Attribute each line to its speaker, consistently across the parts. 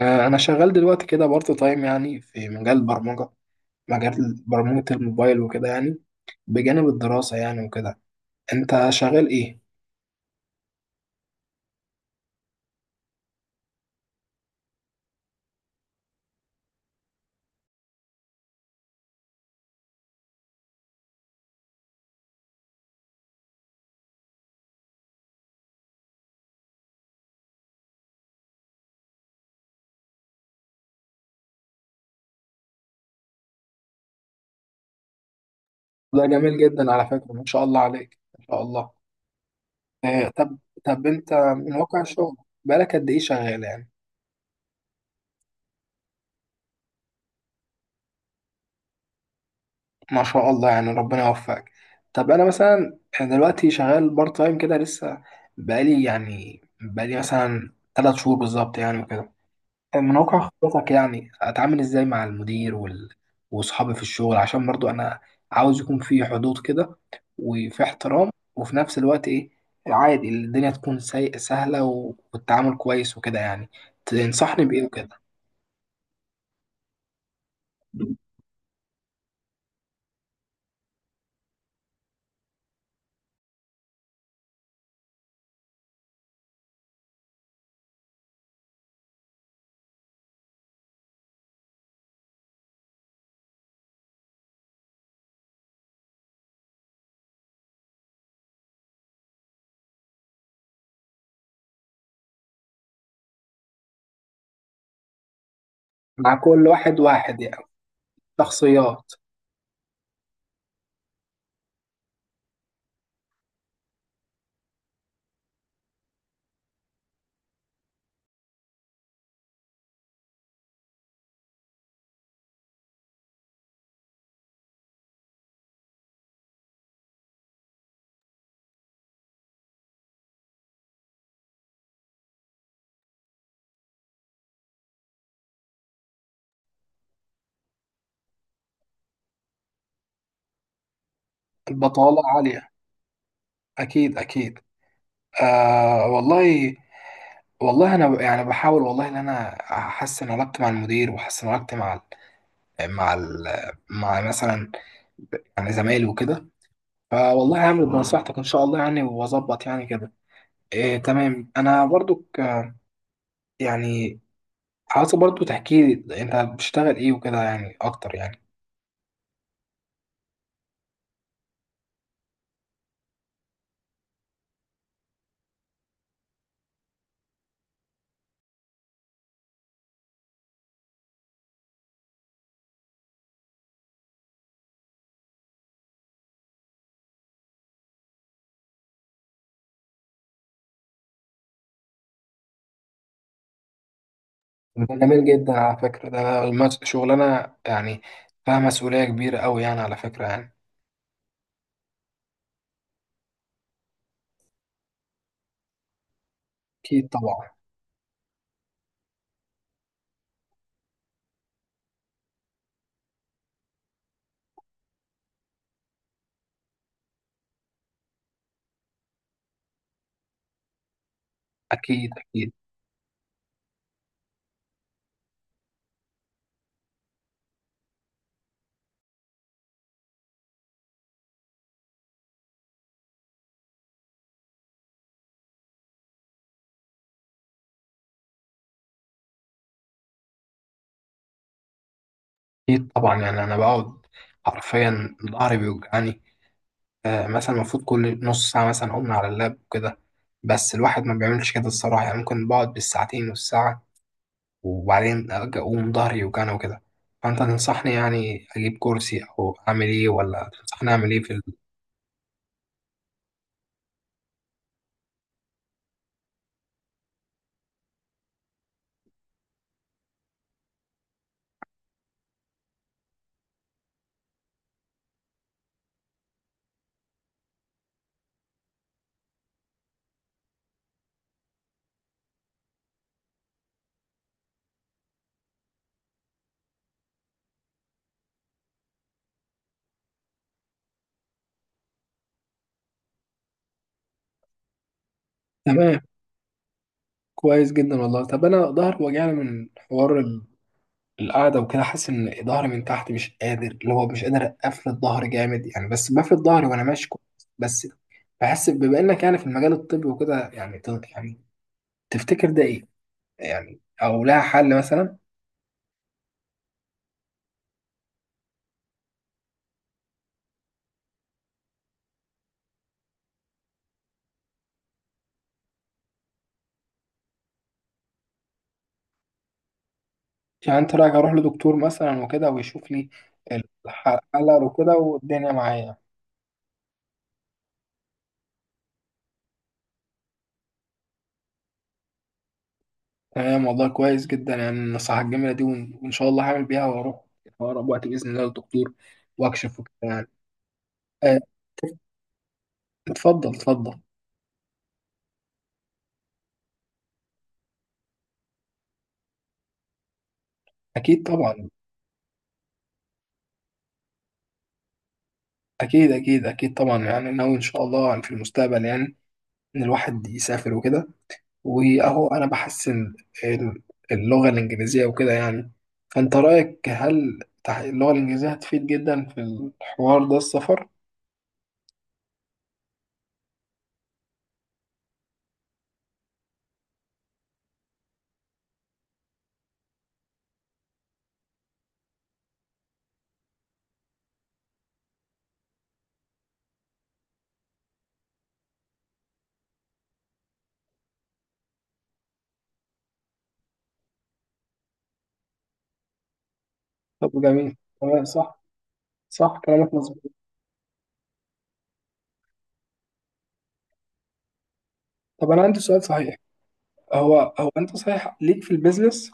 Speaker 1: أنا شغال دلوقتي كده بارت تايم يعني في مجال البرمجة، مجال برمجة الموبايل وكده يعني، بجانب الدراسة يعني وكده. أنت شغال إيه؟ ده جميل جدا على فكرة، ما شاء الله عليك، ما شاء الله. آه، طب طب أنت من واقع الشغل، بقالك قد إيه شغال يعني؟ ما شاء الله، يعني ربنا يوفقك. طب أنا مثلا دلوقتي شغال بارت تايم كده لسه، بقالي مثلا 3 شهور بالظبط يعني وكده. من واقع خبرتك يعني اتعامل ازاي مع المدير واصحابي في الشغل، عشان برضو انا عاوز يكون في حدود كده، وفي احترام، وفي نفس الوقت ايه، عادي الدنيا تكون سهلة والتعامل كويس وكده يعني. تنصحني بايه وكده؟ مع كل واحد واحد يعني، شخصيات. البطالة عالية، اكيد اكيد. آه والله، والله انا يعني بحاول والله ان انا احسن علاقتي مع المدير، واحسن علاقتي مع ال- مع مثلا يعني زمايلي وكده. فوالله هعمل بنصيحتك ان شاء الله يعني، واظبط يعني كده. إيه تمام، انا برضو يعني عايز برضو تحكي لي انت بتشتغل ايه وكده يعني اكتر يعني. ده جميل جدا على فكرة، ده شغلانة يعني فيها مسؤولية كبيرة قوي يعني، على فكرة يعني. اكيد طبعا. اكيد اكيد اكيد طبعا، يعني انا بقعد حرفيا ظهري بيوجعني. مثلا المفروض كل نص ساعة مثلا اقوم على اللاب وكده، بس الواحد ما بيعملش كده الصراحة يعني، ممكن بقعد بالساعتين والساعة، وبعدين أقوم ظهري يوجعني وكده. فأنت تنصحني يعني أجيب كرسي أو أعمل إيه، ولا تنصحني أعمل إيه تمام، كويس جدا والله. طب انا ظهري وجعني من حوار القعده وكده، حاسس ان ظهري من تحت مش قادر، اللي هو مش قادر افرد ظهري جامد يعني، بس بفرد ظهري وانا ماشي كويس بس. بحس بما انك يعني في المجال الطبي وكده يعني، يعني تفتكر ده ايه يعني، او لها حل مثلا؟ يعني انت رايك اروح لدكتور مثلا وكده، ويشوف لي الحل وكده والدنيا معايا. تمام والله، كويس جدا يعني النصيحة الجميلة دي، وإن شاء الله هعمل بيها، وأروح في أقرب وقت بإذن الله للدكتور وأكشف وكده يعني. آه، اتفضل اتفضل. أكيد طبعا. أكيد أكيد أكيد طبعا، يعني ناوي إن شاء الله يعني في المستقبل يعني إن الواحد يسافر وكده. وأهو أنا بحسن ال- اللغة الإنجليزية وكده يعني، فأنت رأيك هل اللغة الإنجليزية هتفيد جدا في الحوار ده، السفر؟ طب جميل. تمام، صح. صح كلامك مظبوط. طب أنا عندي سؤال صحيح، هو انت صحيح ليك في البيزنس؟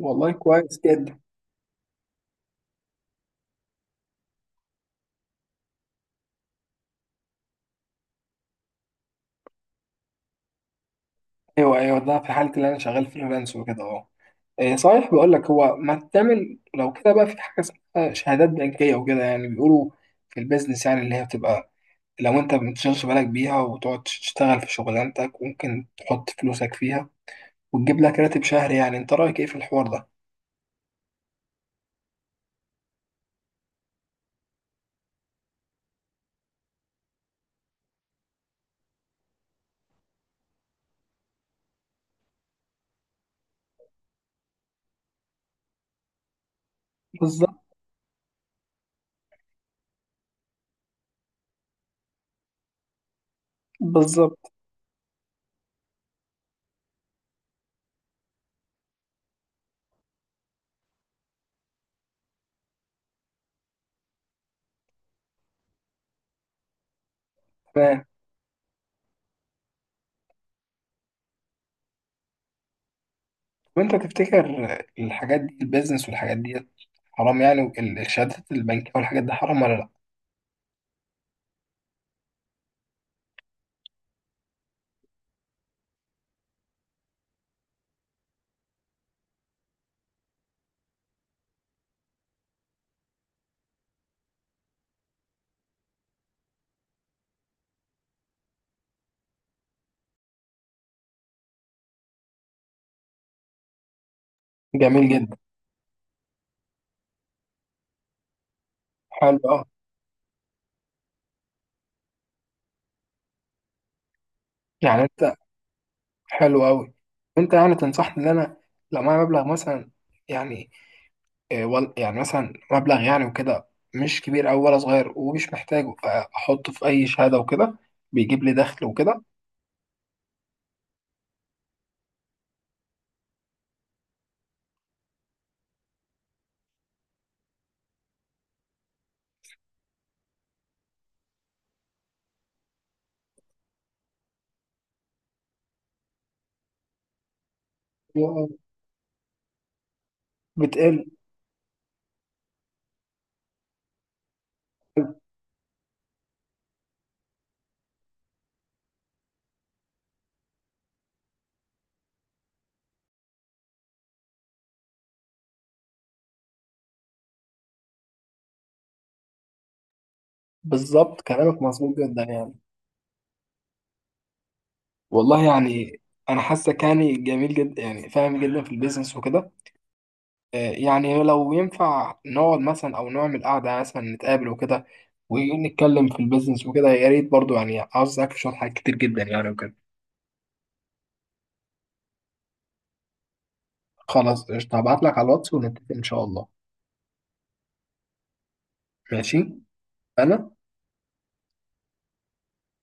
Speaker 1: والله كويس جدا. ايوه ايوه، ده في حالة اللي انا شغال فريلانس وكده اهو. إيه صحيح، بقول لك هو ما تعمل لو كده بقى، في حاجه اسمها شهادات بنكيه وكده يعني بيقولوا في البيزنس يعني، اللي هي بتبقى لو انت ما بتشغلش بالك بيها وتقعد تشتغل في شغلانتك، ممكن تحط فلوسك فيها وتجيب لك راتب شهري. يعني انت رايك ايه في الحوار ده؟ بالظبط. بالظبط. تمام. وانت تفتكر الحاجات دي، البيزنس والحاجات دي حرام يعني، الشهادات البنكيه والحاجات دي حرام ولا لا؟ جميل جدا. حلو، اه. يعني انت، حلو قوي. انت يعني تنصحني ان انا لو معايا مبلغ مثلا، يعني يعني مثلا مبلغ يعني وكده، مش كبير او ولا صغير ومش محتاجه، احطه في اي شهاده وكده بيجيب لي دخل وكده؟ بتقل. بالظبط، كلامك مظبوط جدا يعني. والله يعني انا حاسك يعني جميل جدا يعني، فاهم جدا في البيزنس وكده. يعني لو ينفع نقعد مثلا او نعمل قعده يعني، مثلا نتقابل وكده ونتكلم في البيزنس وكده يا ريت، برضو يعني عاوز اسالك في شويه حاجات كتير جدا يعني وكده. خلاص قشطه، هبعت لك على الواتس ونتفق ان شاء الله. ماشي. انا